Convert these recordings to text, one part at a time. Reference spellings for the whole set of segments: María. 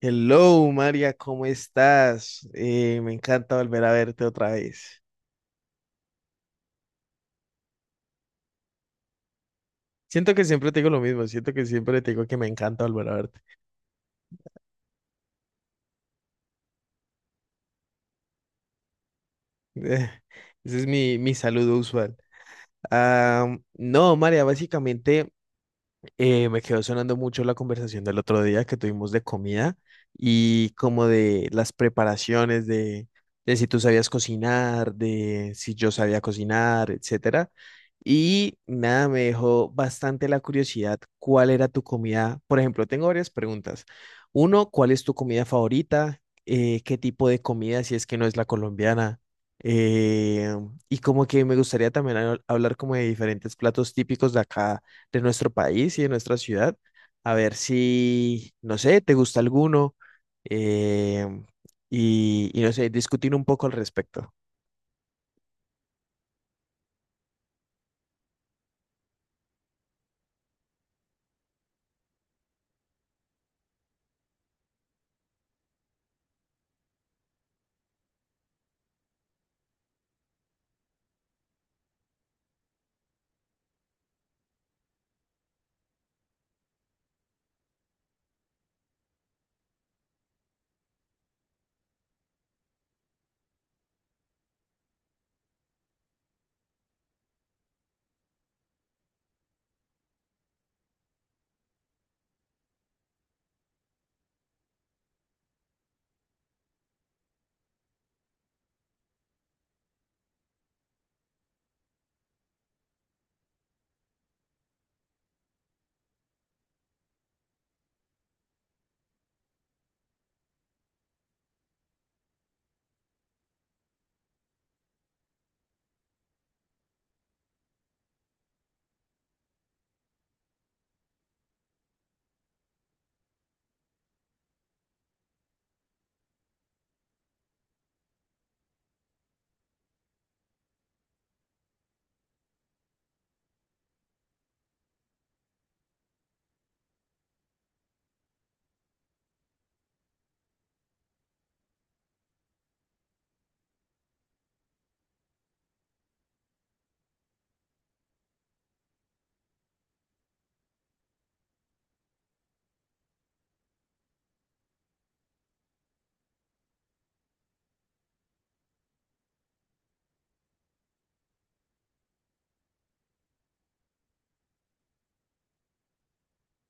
Hello, María, ¿cómo estás? Me encanta volver a verte otra vez. Siento que siempre te digo lo mismo, siento que siempre te digo que me encanta volver a verte. Ese es mi saludo usual. Ah, no, María, básicamente me quedó sonando mucho la conversación del otro día que tuvimos de comida y como de las de si tú sabías cocinar, de si yo sabía cocinar, etcétera. Y nada, me dejó bastante la curiosidad cuál era tu comida. Por ejemplo, tengo varias preguntas. Uno, ¿cuál es tu comida favorita? ¿Qué tipo de comida si es que no es la colombiana? Eh, y como que me gustaría también hablar como de diferentes platos típicos de acá, de nuestro país y de nuestra ciudad. A ver si, no sé, te gusta alguno, eh, y, no sé, discutir un poco al respecto.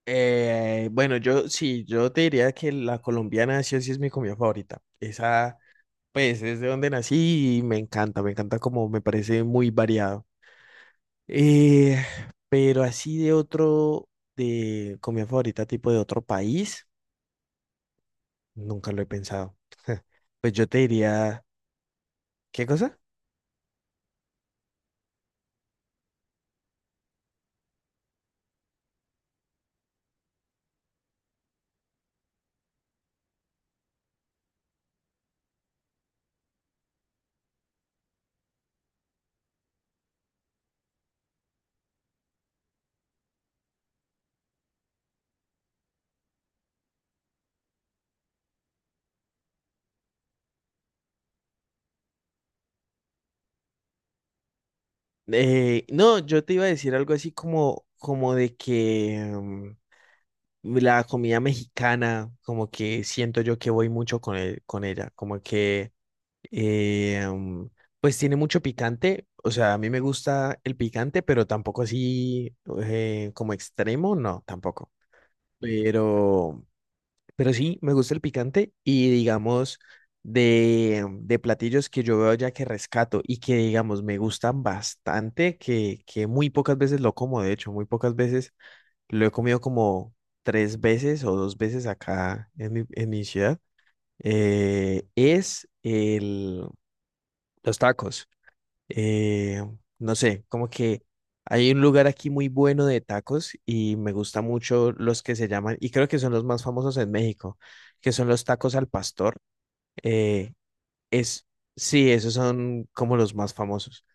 Bueno, yo sí, yo te diría que la colombiana sí o sí es mi comida favorita. Esa, pues, es de donde nací y me encanta, me encanta, como me parece muy variado. Eh, pero así de de comida favorita tipo de otro país, nunca lo he pensado. Pues yo te diría, ¿qué cosa? No, yo te iba a decir algo así como, como de que la comida mexicana, como que siento yo que voy mucho con ella, como que eh, mm, pues tiene mucho picante, o sea, a mí me gusta el picante, pero tampoco así, como extremo, no, tampoco. Pero Pero sí, me gusta el picante y digamos de platillos que yo veo ya que rescato y que digamos me gustan bastante, que muy pocas veces lo como, de hecho, muy pocas veces lo he comido como tres veces o dos veces acá en en mi ciudad, eh, es el, los tacos. Eh, no sé, como que hay un lugar aquí muy bueno de tacos y me gusta mucho los que se llaman, y creo que son los más famosos en México, que son los tacos al pastor. Eh, es, sí, esos son como los más famosos.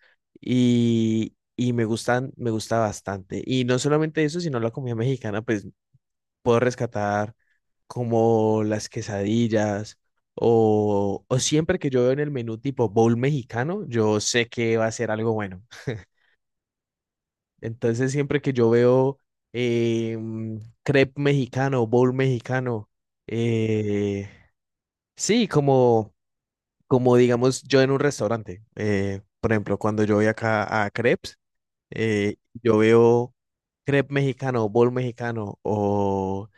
Y, me gustan, me gusta bastante. Y no solamente eso, sino la comida mexicana, pues puedo rescatar como las quesadillas. O siempre que yo veo en el menú tipo bowl mexicano, yo sé que va a ser algo bueno. Entonces, siempre que yo veo eh, mm, crepe mexicano, bowl mexicano, eh, sí, como, como digamos yo en un restaurante, por ejemplo, cuando yo voy acá a crepes, eh, yo veo crepe mexicano, bowl mexicano, o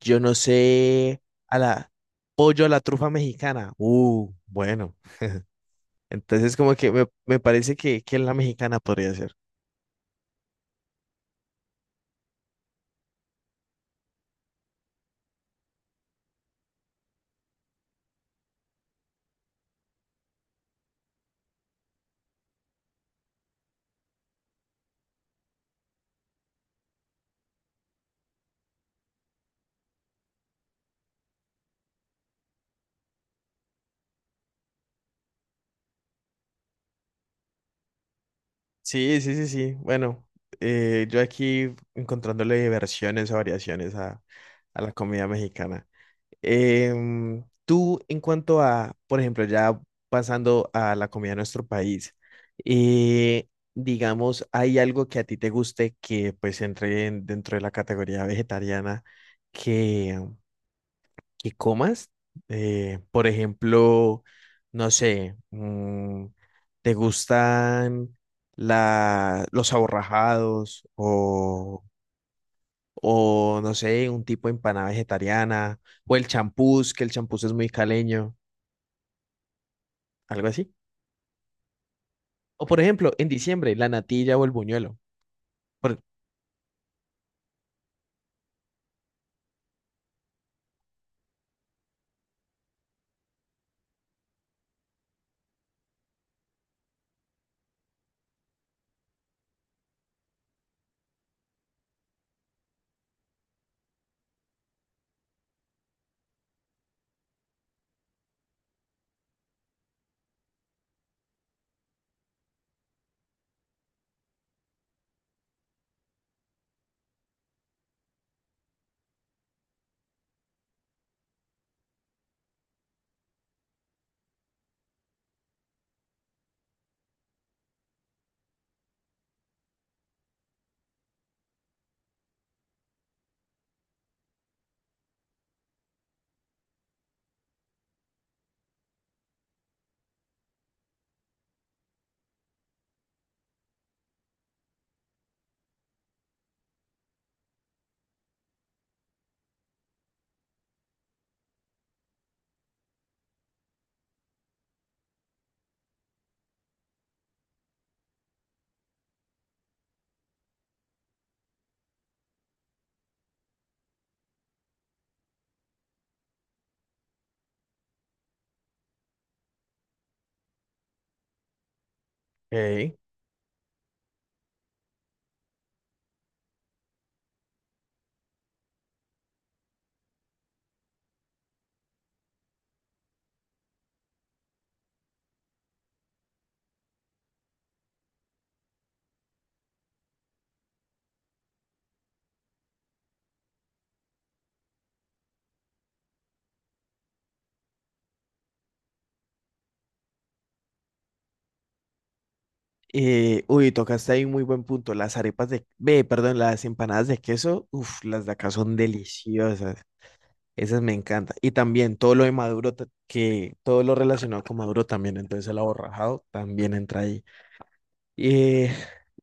yo no sé, a la pollo a la trufa mexicana. Bueno. Entonces, como que me parece que, la mexicana podría ser. Sí, sí, sí, sí. Bueno, yo aquí encontrándole versiones o variaciones a la comida mexicana. Tú, en cuanto a, por ejemplo, ya pasando a la comida de nuestro país, eh, digamos, ¿hay algo que a ti te guste que pues dentro de la categoría vegetariana que comas? Por ejemplo, no sé, ¿te gustan los aborrajados o, no sé, un tipo de empanada vegetariana o el champús, que el champús es muy caleño, algo así? O por ejemplo, en diciembre, la natilla o el buñuelo. Por- Ok. Uy, tocaste ahí un muy buen punto. Las arepas de, ve, perdón, Las empanadas de queso, uff, las de acá son deliciosas. Esas me encanta. Y también todo lo de que todo lo relacionado con Maduro también, entonces el aborrajado también entra ahí. Eh,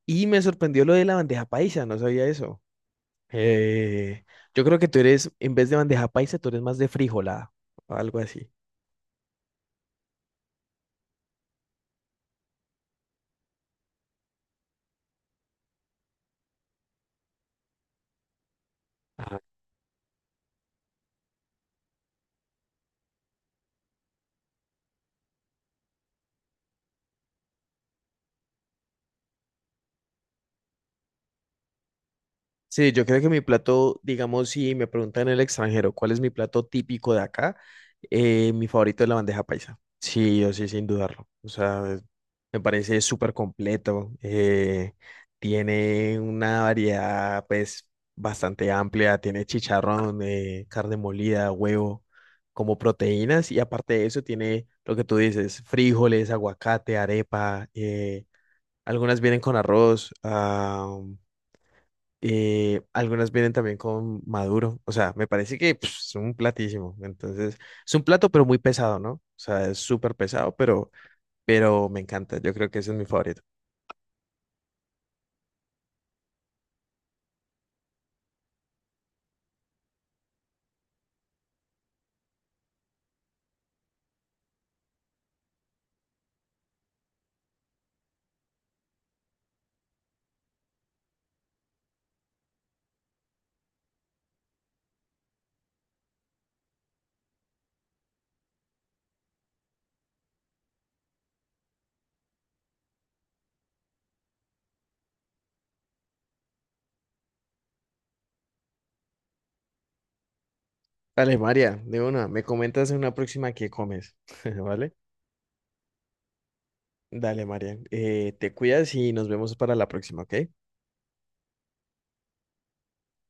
y me sorprendió lo de la bandeja paisa, no sabía eso. Eh, yo creo que tú eres, en vez de bandeja paisa, tú eres más de frijolada o algo así. Sí, yo creo que mi plato, digamos, si me preguntan en el extranjero cuál es mi plato típico de acá, mi favorito es la bandeja paisa. Sí, yo sí, sin dudarlo. O sea, me parece súper completo. Tiene una variedad, pues, bastante amplia. Tiene chicharrón, carne molida, huevo, como proteínas. Y aparte de eso, tiene lo que tú dices, frijoles, aguacate, arepa. Algunas vienen con arroz. Algunas vienen también con maduro, o sea, me parece que pf, es un platísimo, entonces es un plato pero muy pesado, ¿no? O sea, es súper pesado, pero, me encanta, yo creo que ese es mi favorito. Dale, María, de una, me comentas en una próxima qué comes, ¿vale? Dale, María, te cuidas y nos vemos para la próxima, ¿ok?